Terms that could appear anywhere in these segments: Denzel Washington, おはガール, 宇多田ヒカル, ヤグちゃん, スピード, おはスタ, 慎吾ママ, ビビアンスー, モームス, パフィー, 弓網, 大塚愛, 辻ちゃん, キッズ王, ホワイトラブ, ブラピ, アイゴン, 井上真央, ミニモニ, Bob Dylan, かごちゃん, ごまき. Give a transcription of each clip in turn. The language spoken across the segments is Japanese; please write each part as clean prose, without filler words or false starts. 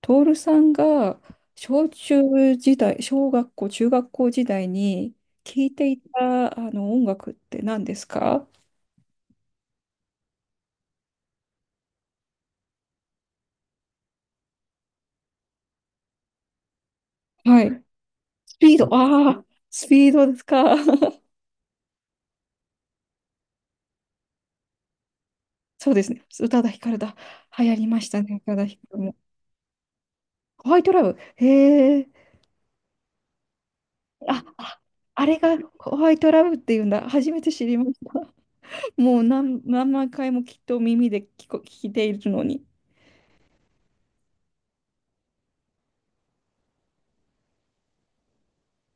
トールさんが小中時代、小学校、中学校時代に聴いていたあの音楽って何ですか？はい。スピード、ああ、スピードですか。そうですね。宇多田ヒカルだ。流行りましたね、宇多田ヒカルも。ホワイトラブ。へえ。あ、あ、あれがホワイトラブっていうんだ。初めて知りました。もう何、何万回もきっと耳で聞いているのに。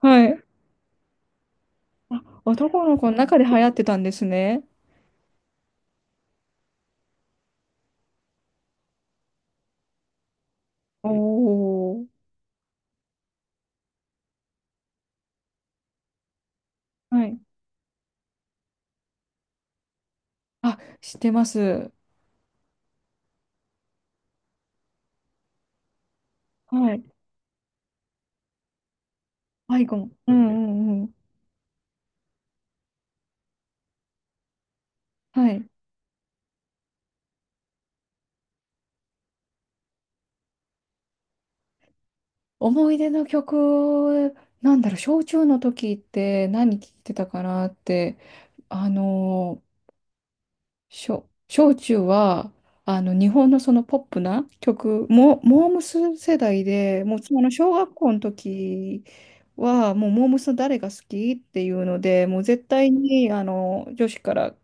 はい。あ、男の子の中で流行ってたんですね。おー。はい。あ、知ってます。はい。アイゴン。うんうんうん。はい。思い出の曲、なんだろう、小中の時って何聴いてたかなって、あのー、小中は、日本のそのポップな曲、モームス世代で、もうその小学校の時は、もうモームス誰が好きっていうので、もう絶対に、女子から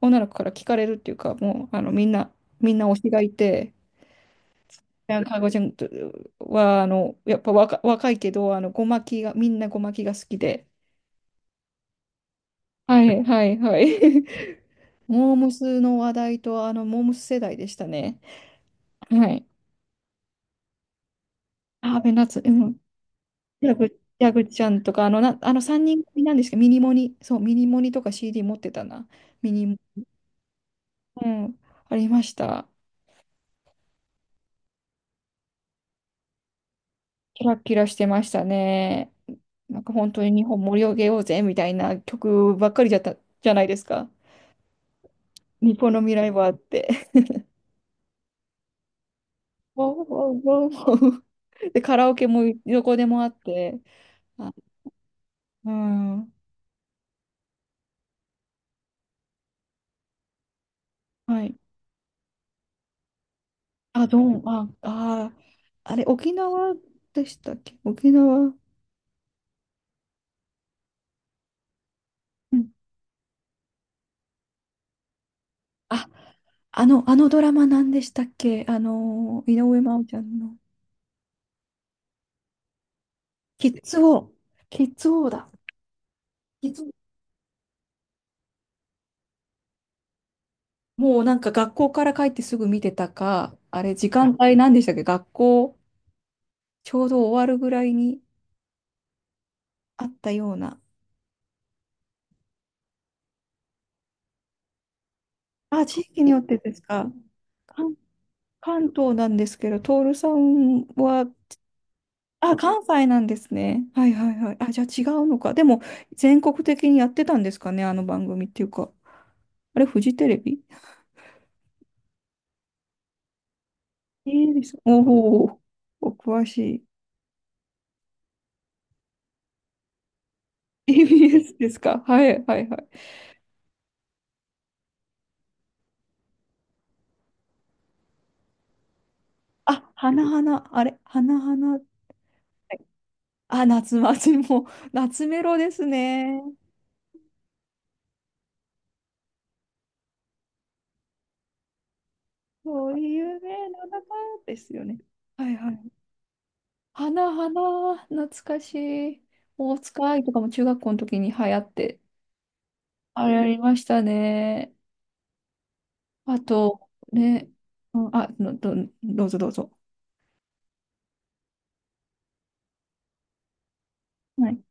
女の子から聞かれるっていうか、もう、みんな、みんな推しがいて、なんか、かごちゃんは、やっぱ若いけど、ごまきが、みんなごまきが好きで。はいはいはい。モームスの話題と、モームス世代でしたね。はい。あー、ベナツ、うん。ジャグ、ヤグちゃんとか、あの3人組なんですけど、ミニモニ、そう、ミニモニとか CD 持ってたな。ミニモニ、うん、ありました。キラキラしてましたね。なんか本当に日本盛り上げようぜみたいな曲ばっかりじゃったじゃないですか。日本の未来はあって。わうわうわうわうで、カラオケもどこでもあって。あ、うん。はい。あ、どん、あ、あー、あれ、沖縄でしたっけ沖縄。うん。あ、あのドラマ何でしたっけ井上真央ちゃんの。キッズ王。キッズ王だ。キッズもうなんか学校から帰ってすぐ見てたか、あれ時間帯何でしたっけ学校ちょうど終わるぐらいにあったような。あ、地域によってですか。関、関東なんですけど、徹さんは、あ、関西なんですね。はいはいはい。あ、じゃあ違うのか。でも全国的にやってたんですかね、あの番組っていうか。あれ、フジテレビえです。おお、お詳しい。TBS ですか。はいはいはい。あ、花々、あれ、花々。あ、夏祭りも、夏メロですね。そういうね、の中ですよね。はいはい。花花、懐かしい。大塚愛とかも中学校の時に流行って、あれありましたね。あと、ね、うん、あ、のど、どうぞどうぞ。はい。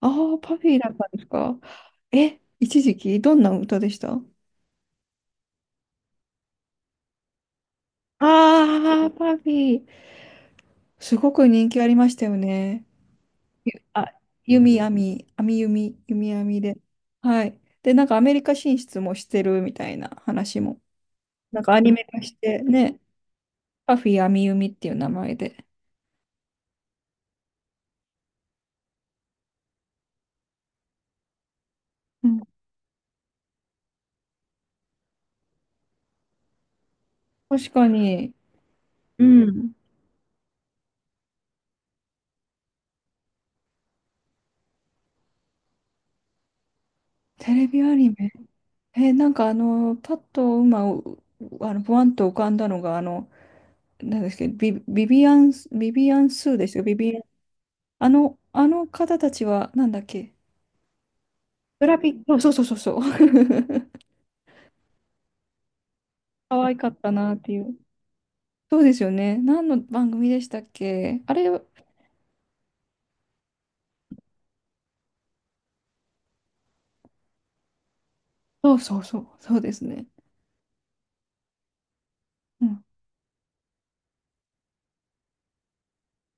ああ、パフィーだったんですか。え、一時期、どんな歌でしたああー、パフィー。すごく人気ありましたよね。ゆあ、弓網、網弓、弓網で。はい。で、なんかアメリカ進出もしてるみたいな話も。なんかアニメ化してね、パフィー網弓っていう名前で。うん、確かに、うん。テレビアニメ。なんかあの、パッと今、うあの、ブワンと浮かんだのが、あの、なんですけど、ビビアンスーですよ、ビビアン。あの、あの方たちは、なんだっけ、ブラピ、そうそうそうそう。そう 可愛かったなっていう。そうですよね。何の番組でしたっけあれ、そうそうそう、そうですね。うん。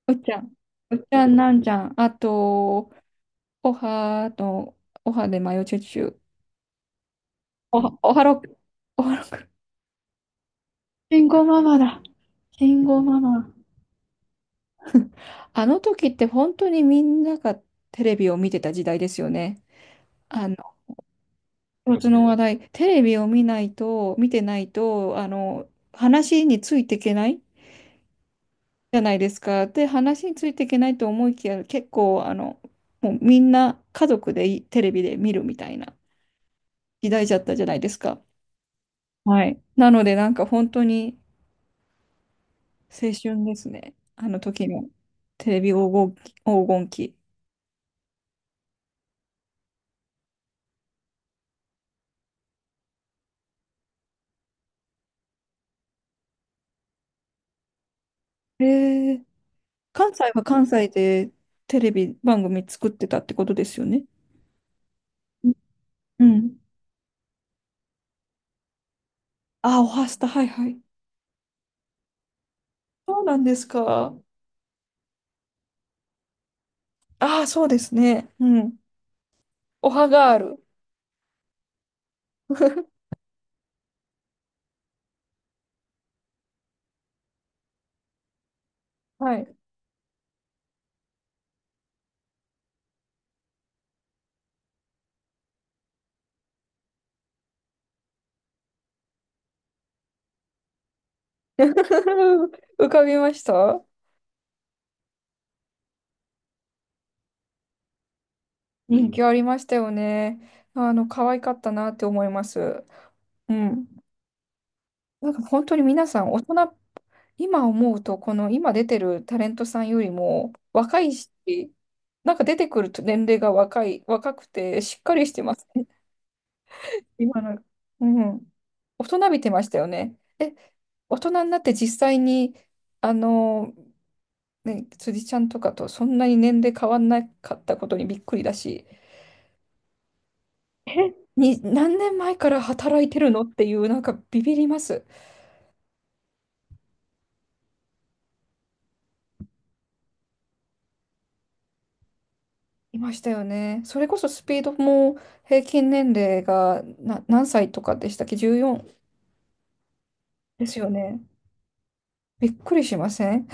おっちゃん。おっちゃん、なんちゃん。あと、おはと、おはでマヨチュチュ。おは、おはろく。おはろく。慎吾ママだ。慎吾ママ。あの時って本当にみんながテレビを見てた時代ですよね。あの、共通の話題、テレビを見ないと、見てないと、話についていけないじゃないですか。で、話についていけないと思いきや、結構、あの、もうみんな家族でいテレビで見るみたいな時代じゃったじゃないですか。はい。なので、なんか本当に青春ですね。あの時のテレビ黄金期。黄金期。えー、関西は関西でテレビ番組作ってたってことですよね。うんうん。あ、おはスタ、はいはい。そうなんですか。ああ、そうですね。うん。おはガール。はい。浮かびましたう人ん。気ありましたよね。あの、可愛かったなって思います。うん。なんか本当に皆さん、大人、今思うと、この今出てるタレントさんよりも若いし、なんか出てくると年齢が若くて、しっかりしてますね。今の、うん。大人びてましたよね。え、大人になって実際に、あの、ね、辻ちゃんとかとそんなに年齢変わんなかったことにびっくりだし。え、に、何年前から働いてるのっていう、なんかビビります。いましたよね。それこそスピードも平均年齢がな、何歳とかでしたっけ？ 14 ですよね。びっくりしません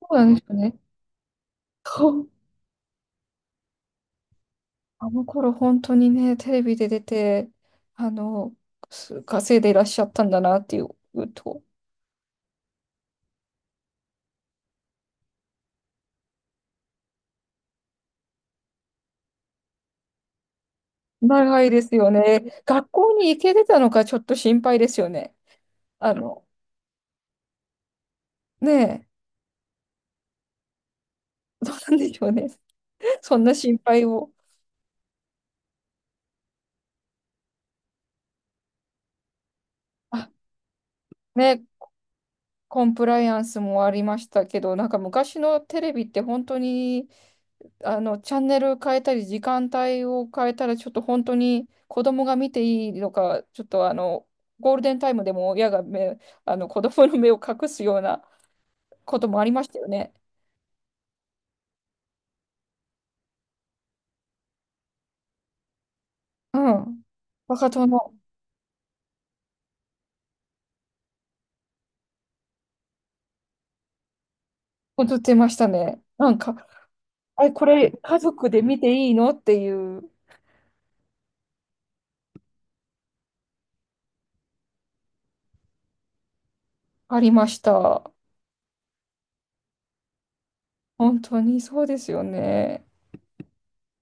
そうなんですよね。そうあの頃本当にね、テレビで出て、あの、す稼いでいらっしゃったんだなっていうと、長いですよね。学校に行けてたのかちょっと心配ですよね。あの、ねえ、どうなんでしょうね。そんな心配を。ね、コンプライアンスもありましたけど、なんか昔のテレビって本当に、チャンネル変えたり、時間帯を変えたら、ちょっと本当に子供が見ていいのか、ちょっとあの、ゴールデンタイムでも親が目、子供の目を隠すようなこともありましたよね。うん。若殿、映ってましたね。なんか、あれ、これ家族で見ていいのっていう、ありました。本当にそうですよね。